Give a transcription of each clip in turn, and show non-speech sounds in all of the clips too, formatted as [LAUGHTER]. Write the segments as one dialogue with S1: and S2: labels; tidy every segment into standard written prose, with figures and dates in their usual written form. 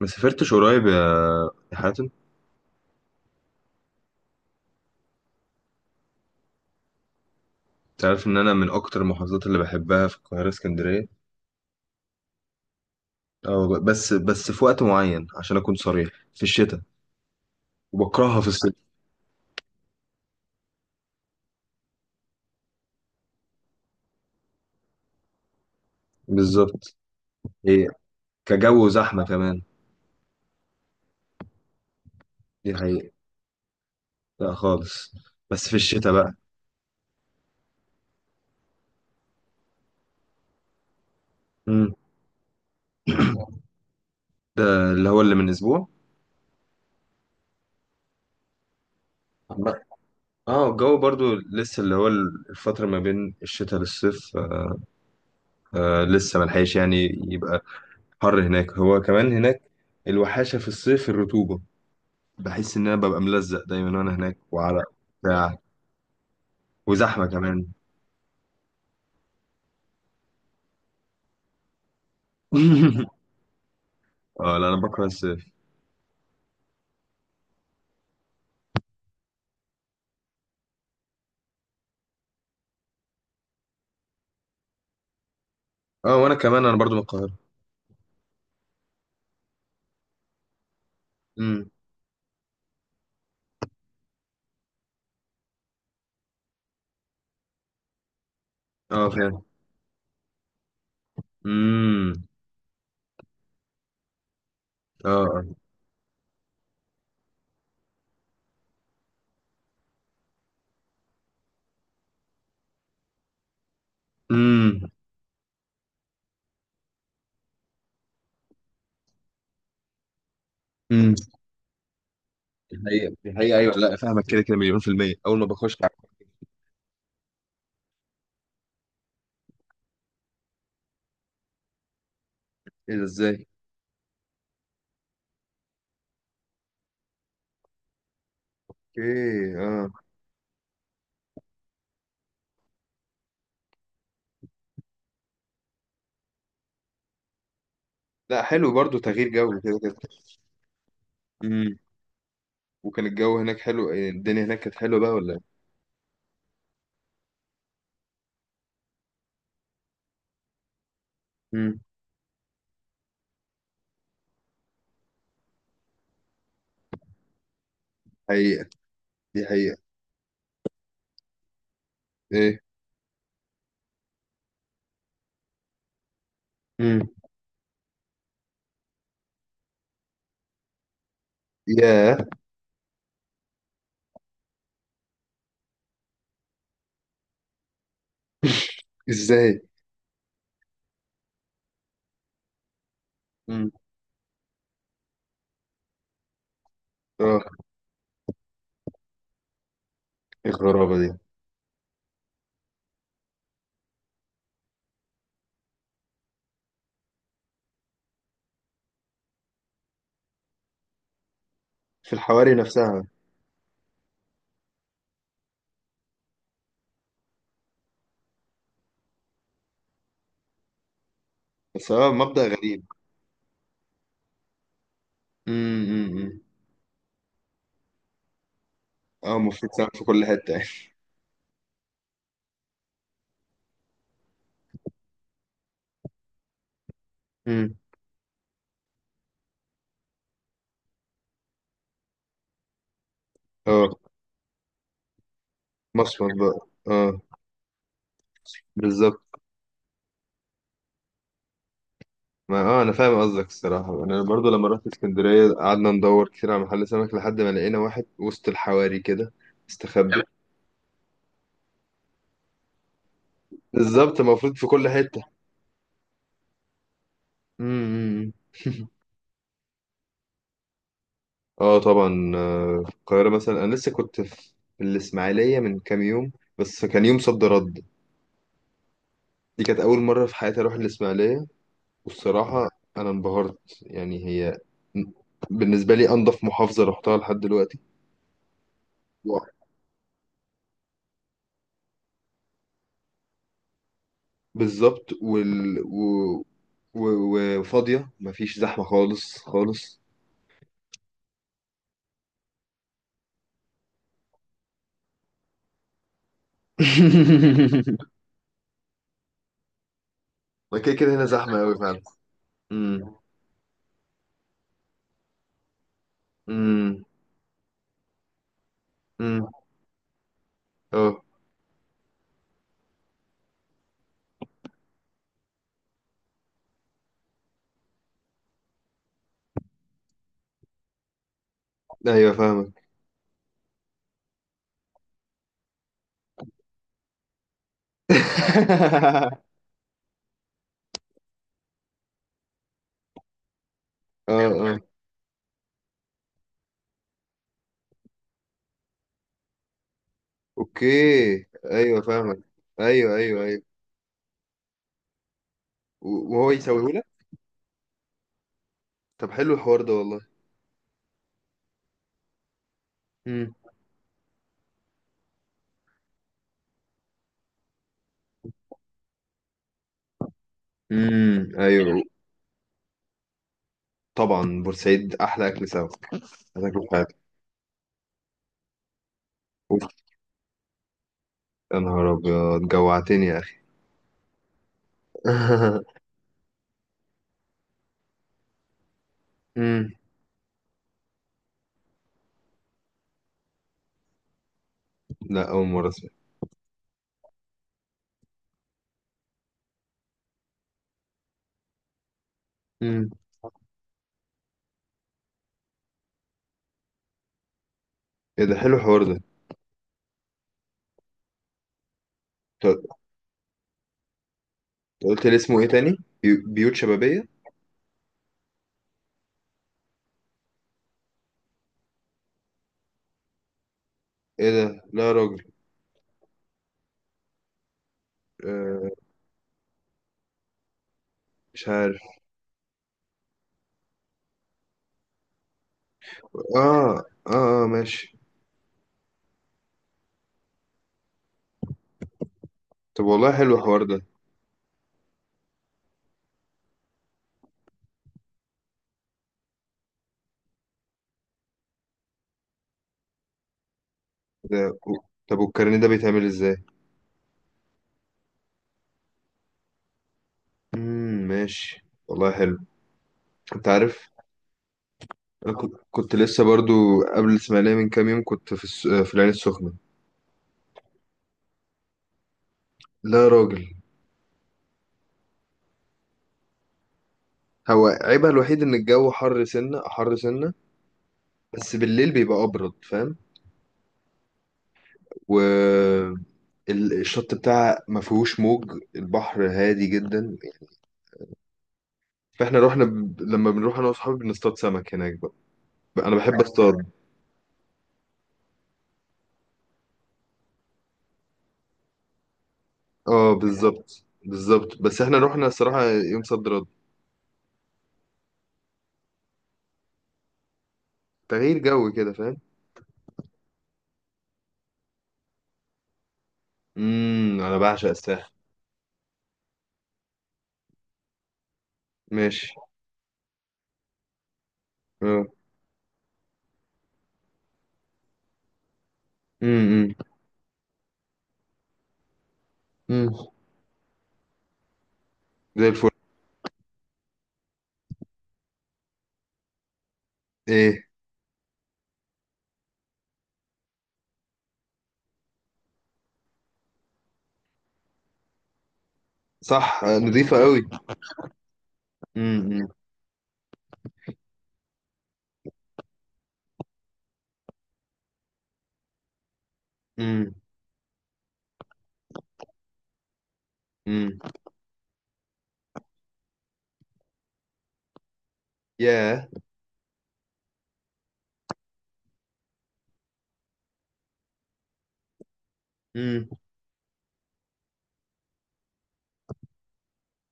S1: ما سافرتش قريب يا حاتم؟ تعرف ان انا من اكتر المحافظات اللي بحبها في القاهره اسكندريه. اه، بس في وقت معين عشان اكون صريح، في الشتاء، وبكرهها في الصيف. بالظبط. ايه. كجو، وزحمه كمان. دي حقيقه. لا خالص. بس في الشتاء بقى. مم. ده اللي هو اللي من اسبوع؟ عم- اه، الجو برضو لسه اللي هو الفتره ما بين الشتاء للصيف، آه لسه ملحقش يعني. يبقى حر هناك، هو كمان هناك الوحاشه في الصيف، الرطوبه. بحس ان انا ببقى ملزق دايما وانا هناك، وعرق بتاع وزحمه كمان. [LAUGHS] اه لا، انا بكره الصيف. اه، وانا كمان انا برضو من القاهره. امم. اه فعلا. امم. اه اه. امم. امم. دي حقيقة، دي حقيقة، ايوه. لا، فاهمك، كده كده مليون في المية اول ما بخش تعب. ايه ده، ازاي؟ اوكي اه. لا، حلو برضو، تغيير جو كده كده. امم. وكان الجو هناك حلو، إيه، الدنيا هناك كانت حلوه بقى ولا ايه؟ امم. حقيقة. دي حقيقة. ايه. امم. ياه. [LAUGHS] ازاي؟ امم. اه. إيه الغرابة دي؟ في الحواري نفسها. بس هو مبدأ غريب. أمم. اه، مفروض تعمل في كل حتة يعني. [LAUGHS] امم. اه، مصمت بقى. اه. بالظبط. ما انا فاهم قصدك الصراحة. يعني انا برضو لما رحت اسكندرية قعدنا ندور كتير على محل سمك لحد ما لقينا واحد وسط الحواري كده، استخبى. بالظبط، المفروض في كل حتة. امم. اه طبعا، آه، في القاهرة مثلا انا لسه كنت في الاسماعيلية من كام يوم، بس كان يوم صد رد. دي كانت اول مرة في حياتي اروح الاسماعيلية. والصراحة أنا انبهرت، يعني هي بالنسبة لي أنظف محافظة رحتها لحد دلوقتي. و- بالظبط. و... وفاضية، مفيش زحمة خالص خالص. [LAUGHS] ما كده كده هنا زحمة أوي فعلا. امم. امم. امم. اه. أيوه، فاهمك. [LAUGHS] اه اه. أوكي. أيوه، فاهمك. أيوه أيوه أيوه. وهو يسويهولك. طب حلو الحوار ده والله. امم. امم. أيوه. طبعا بورسعيد احلى اكل سمك، هتاكله في حياتك. اوف، يا نهار ابيض، جوعتني يا اخي. [LAUGHS] امم. لا، اول مره اسمع. امم. ايه ده، حلو الحوار ده. طب، قلت لي اسمه ايه تاني؟ بيوت شبابيه؟ ايه ده، لا يا راجل. آه، مش عارف. اه اه اه، ماشي. طب والله حلو الحوار ده. ده طب، والكارنيه ده بيتعمل ازاي؟ ماشي، والله حلو. انت عارف، انا كنت لسه برضو قبل الاسماعيليه من كام يوم، كنت في العين السخنه. لا يا راجل. هو عيبها الوحيد ان الجو حر سنة حر سنة، بس بالليل بيبقى ابرد، فاهم. والشط بتاعها ما فيهوش موج، البحر هادي جدا. فاحنا رحنا لما بنروح انا واصحابي بنصطاد سمك هناك بقى. انا بحب، ايوه، اصطاد. اه بالظبط بالظبط، بس احنا رحنا الصراحة يوم صد رد. تغيير جو كده، فاهم. امم. انا بعشق الساحل. ماشي. اه. امم. امم. زي الفل. ايه. صح، نظيفة قوي. امم. امم. امم. ياه.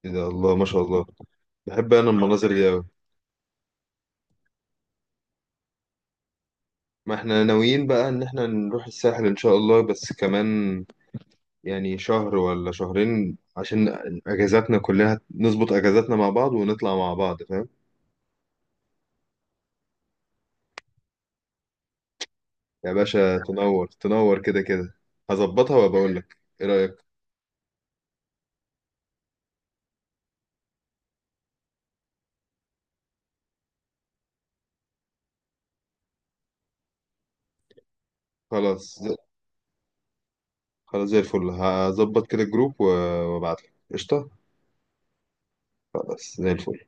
S1: ايه ده، الله ما شاء الله، بحب انا المناظر دي أوي. ما احنا ناويين بقى ان احنا نروح الساحل ان شاء الله، بس كمان يعني شهر ولا شهرين، عشان اجازاتنا كلها، نظبط اجازاتنا مع بعض ونطلع مع بعض، فاهم. يا باشا تنور تنور كده كده. هظبطها وبقول لك ايه رأيك. خلاص. خلاص زي الفل، هظبط كده الجروب وابعت لك قشطة. خلاص زي الفل.